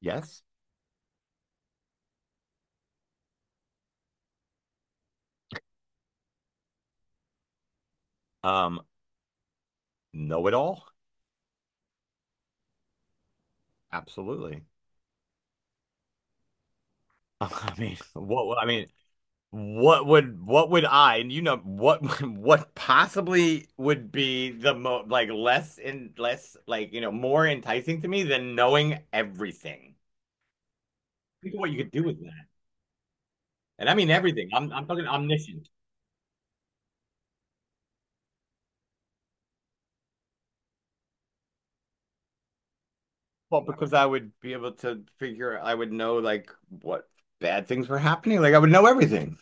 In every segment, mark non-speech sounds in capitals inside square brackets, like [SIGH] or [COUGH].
Yes. Um, know it all? Absolutely. [LAUGHS] I mean, what I mean, what would I, and what [LAUGHS] what possibly would be the mo like less and less more enticing to me than knowing everything. Think of what you could do with that. And I mean everything. I'm talking omniscient. Well, because I would be able to figure I would know like what bad things were happening. Like I would know everything.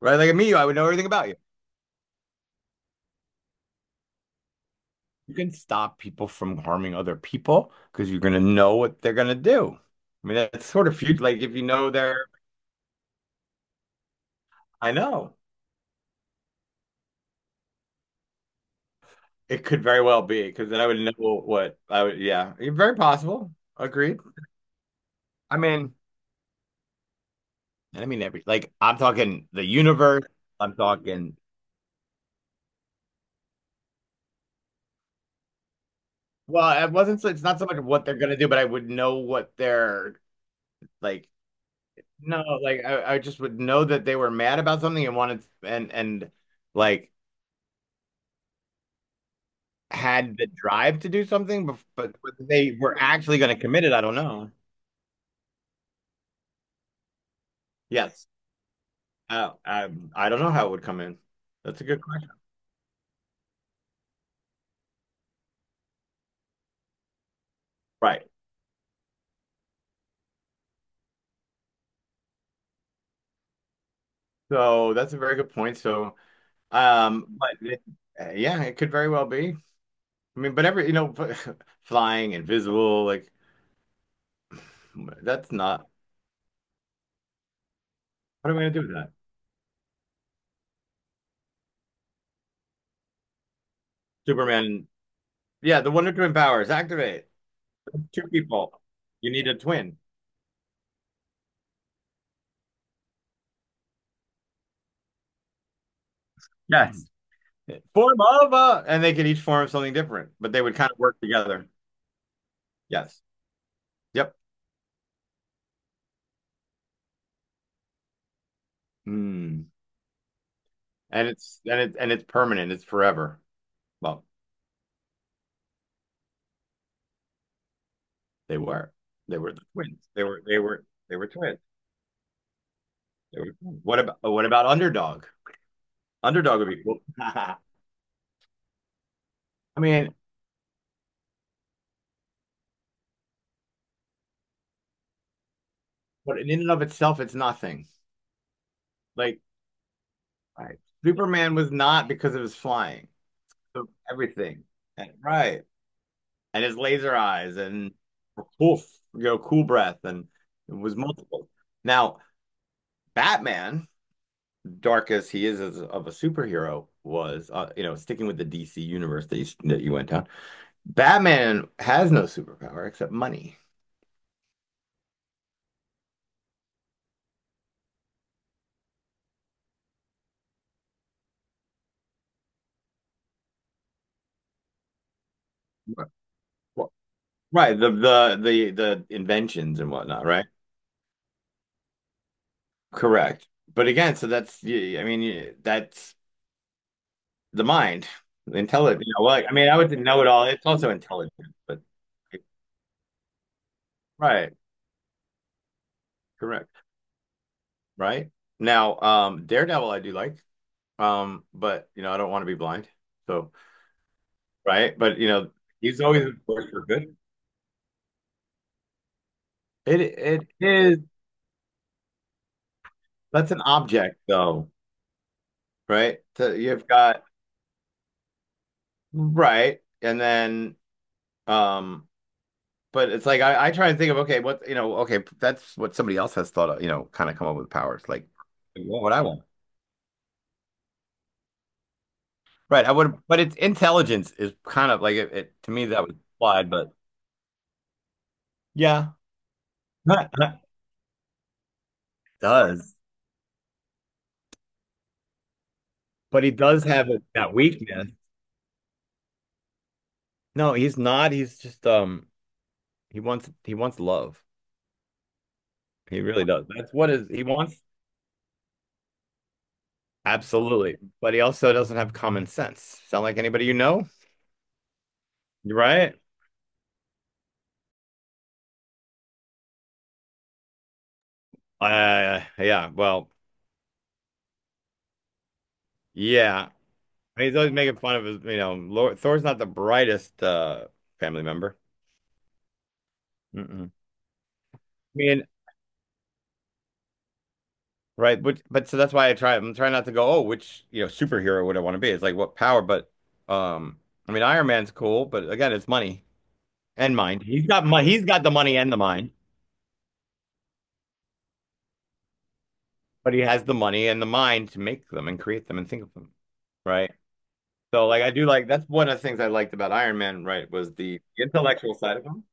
Right? Like me, I would know everything about you. You can stop people from harming other people because you're going to know what they're going to do. I mean, that's sort of future. Like, if you know I know it could very well be because then I would know what I would, yeah, yeah, very possible. Agreed. I mean, I mean, every, like, I'm talking the universe, I'm well, it wasn't, so it's not so much what they're going to do, but I would know what like, no, like, I just would know that they were mad about something and wanted, and like, had the drive to do something, but they were actually going to commit it, I don't know. Yes. Oh, I don't know how it would come in. That's a good question. Right. So that's a very good point. So, um, but it, yeah, it could very well be. I mean, but every, you know, [LAUGHS] flying, invisible, like that's not, what am I going to do with that? Superman. Yeah, the Wonder Twin powers activate. Two people. You need a twin. Yes. And they could each form something different, but they would kind of work together. Yes. Yep. Mm. And it's permanent. It's forever. Well, they were. They were twins. They were twins. They were twins. What about Underdog? Underdog would be cool. [LAUGHS] Mean, but in and of itself, it's nothing. Like right. Superman was not because of his flying. So everything. Right. And his laser eyes and poof, cool breath and it was multiple. Now, Batman, dark as he is as of a superhero, was, sticking with the DC universe that that you went down, Batman has no superpower except money. Right. Well, right. The the inventions and whatnot. Right. Correct. But again, so that's I mean that's the mind, intelligent. I would know it all. It's also intelligent, but right. Correct. Right. Now, Daredevil, I do like, but you know, I don't want to be blind, so. Right? But you know, he's always worked for good. It is that's an object though, right? So you've got right, and then um, but it's like I try and think of, okay, what, okay, that's what somebody else has thought of, you know, kind of come up with powers. Like what would I want? Right. I would, but it's intelligence is kind of like it to me that was applied, but yeah. [LAUGHS] Does. But he does have a, that weakness. No, he's not. He's just he wants love. He really does. That's what is he wants. Absolutely. But he also doesn't have common sense. Sound like anybody you know? Right? Yeah. Well, yeah. He's always making fun of his, you know, Lord, Thor's not the brightest family member. Mm-mm. Mean, but so that's why I'm trying not to go, oh, which, you know, superhero would I want to be? It's like what power, but um I mean Iron Man's cool, but again, it's money and mind. He's got the money and the mind. But he has the money and the mind to make them and create them and think of them, right? So like I do like that's one of the things I liked about Iron Man, right? Was the intellectual side of him.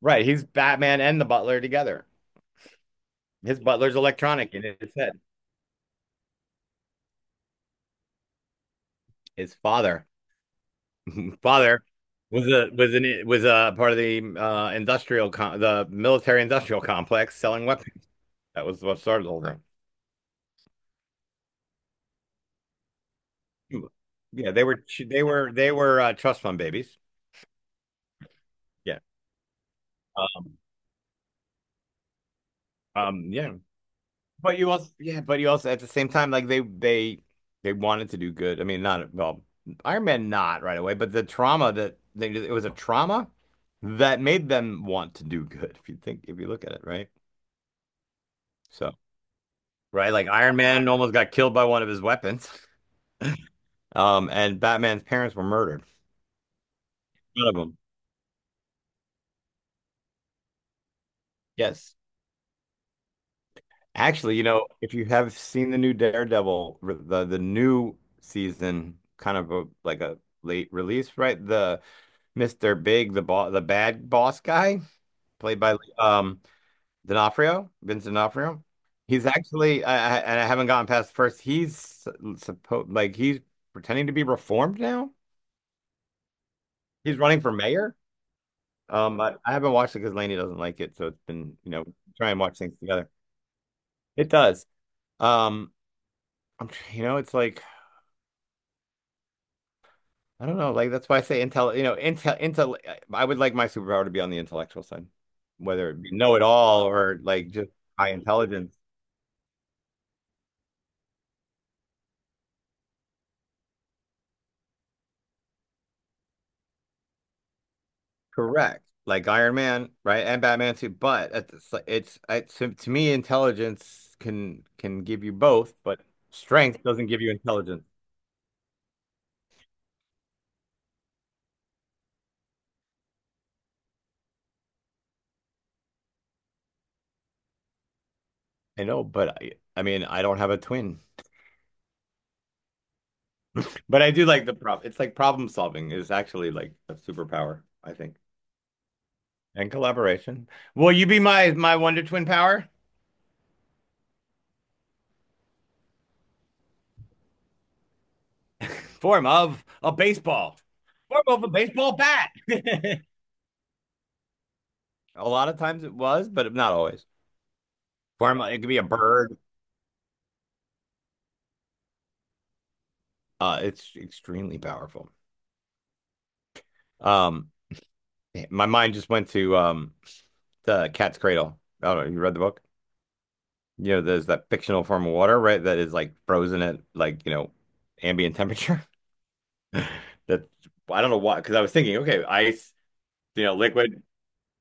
Right, he's Batman and the Butler together. His butler's electronic in his head. His father, [LAUGHS] father was a was an was a part of the industrial the military industrial complex selling weapons. That was what started the whole thing. Yeah, they were trust fund babies. Yeah, um, yeah. But you also, yeah, but you also at the same time, like they wanted to do good. I mean, not well, Iron Man not right away, but the trauma that they it was a trauma that made them want to do good. If you think, if you look at it, right? So right, like Iron Man almost got killed by one of his weapons, and Batman's parents were murdered. One of them, yes. Actually, you know, if you have seen the new Daredevil, the new season, kind of a, like a late release, right? The Mr. Big, the boss, the bad boss guy, played by D'Onofrio, Vincent D'Onofrio. He's actually, I haven't gotten past the first. He's supposed like he's pretending to be reformed now. He's running for mayor. I haven't watched it because Lainey doesn't like it, so it's been, you know, try and watch things together. It does. Um, you know, it's like I don't know, like that's why I say intel. You know, intel, intel. I would like my superpower to be on the intellectual side, whether it be know it all or like just high intelligence. Correct. Like Iron Man, right? And Batman too. But at it's to me, intelligence can give you both, but strength doesn't give you intelligence. I know, but I mean, I don't have a twin. But I do like the prop. It's like problem solving is actually like a superpower, I think. And collaboration. Will you be my Wonder Twin power? Form of a baseball. Form of a baseball bat. [LAUGHS] A lot of times it was, but not always. Form, it could be a bird. It's extremely powerful. Um, my mind just went to the Cat's Cradle. I don't know. You read the book? You know, there's that fictional form of water, right? That is like frozen at, like, you know, ambient temperature. [LAUGHS] That I don't know why, because I was thinking, okay, ice, you know, liquid,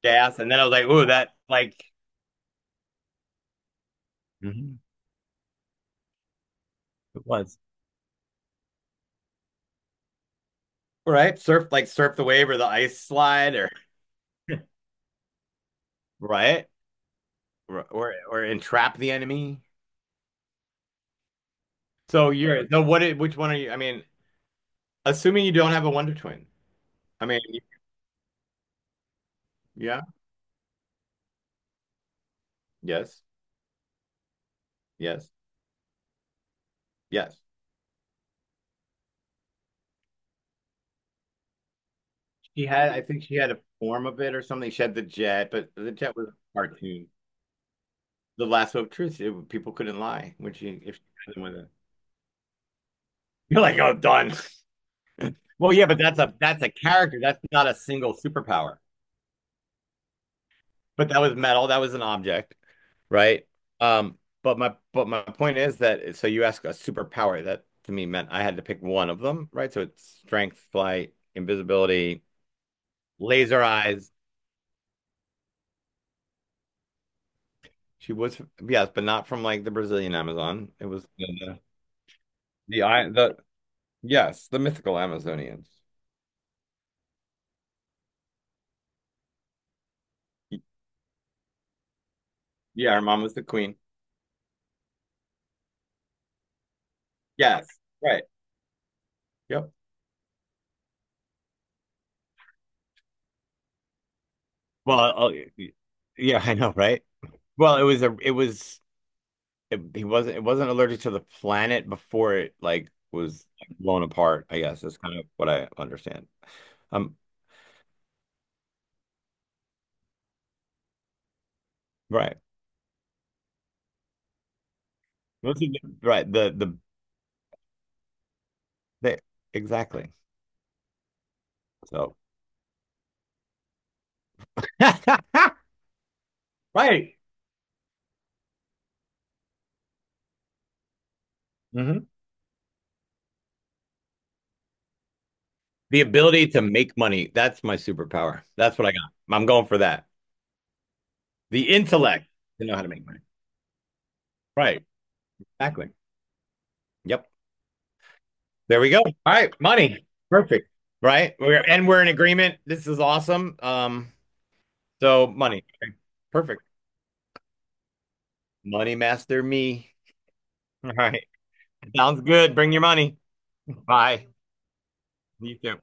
gas, and then I was like, ooh, that like Mhm. It was. Right, surf the wave or the ice slide right, or, or entrap the enemy. So you're no, what? Which one are you? I mean, assuming you don't have a Wonder Twin. I mean, yeah, yes, yes, yes. She had, I think she had a form of it or something. She had the jet, but the jet was a cartoon. The Lasso of Truth. It- people couldn't lie when she, if she had them with it. You're like, oh, done. [LAUGHS] Well, yeah, but that's a character. That's not a single superpower. But that was metal. That was an object, right? But my point is that so you ask a superpower that to me meant I had to pick one of them, right? So it's strength, flight, invisibility, laser eyes. She was, yes, but not from like the Brazilian Amazon. It was the I the yes, the mythical Amazonians. Yeah, her mom was the queen. Yes, right. Yep. Well, I'll- yeah, I know, right? Well, it was a, it was, it, he wasn't, it wasn't allergic to the planet before it like was blown apart. I guess that's kind of what I understand. Um, right, the the exactly. So, [LAUGHS] right. Hmm. The ability to make money. That's my superpower. That's what I got. I'm going for that. The intellect to know how to make money. Right. Exactly. Yep. There we go. All right. Money. Perfect. Right. We're in agreement. This is awesome. So money. Okay. Perfect. Money master me. All right. Sounds good. Bring your money. Bye. You too.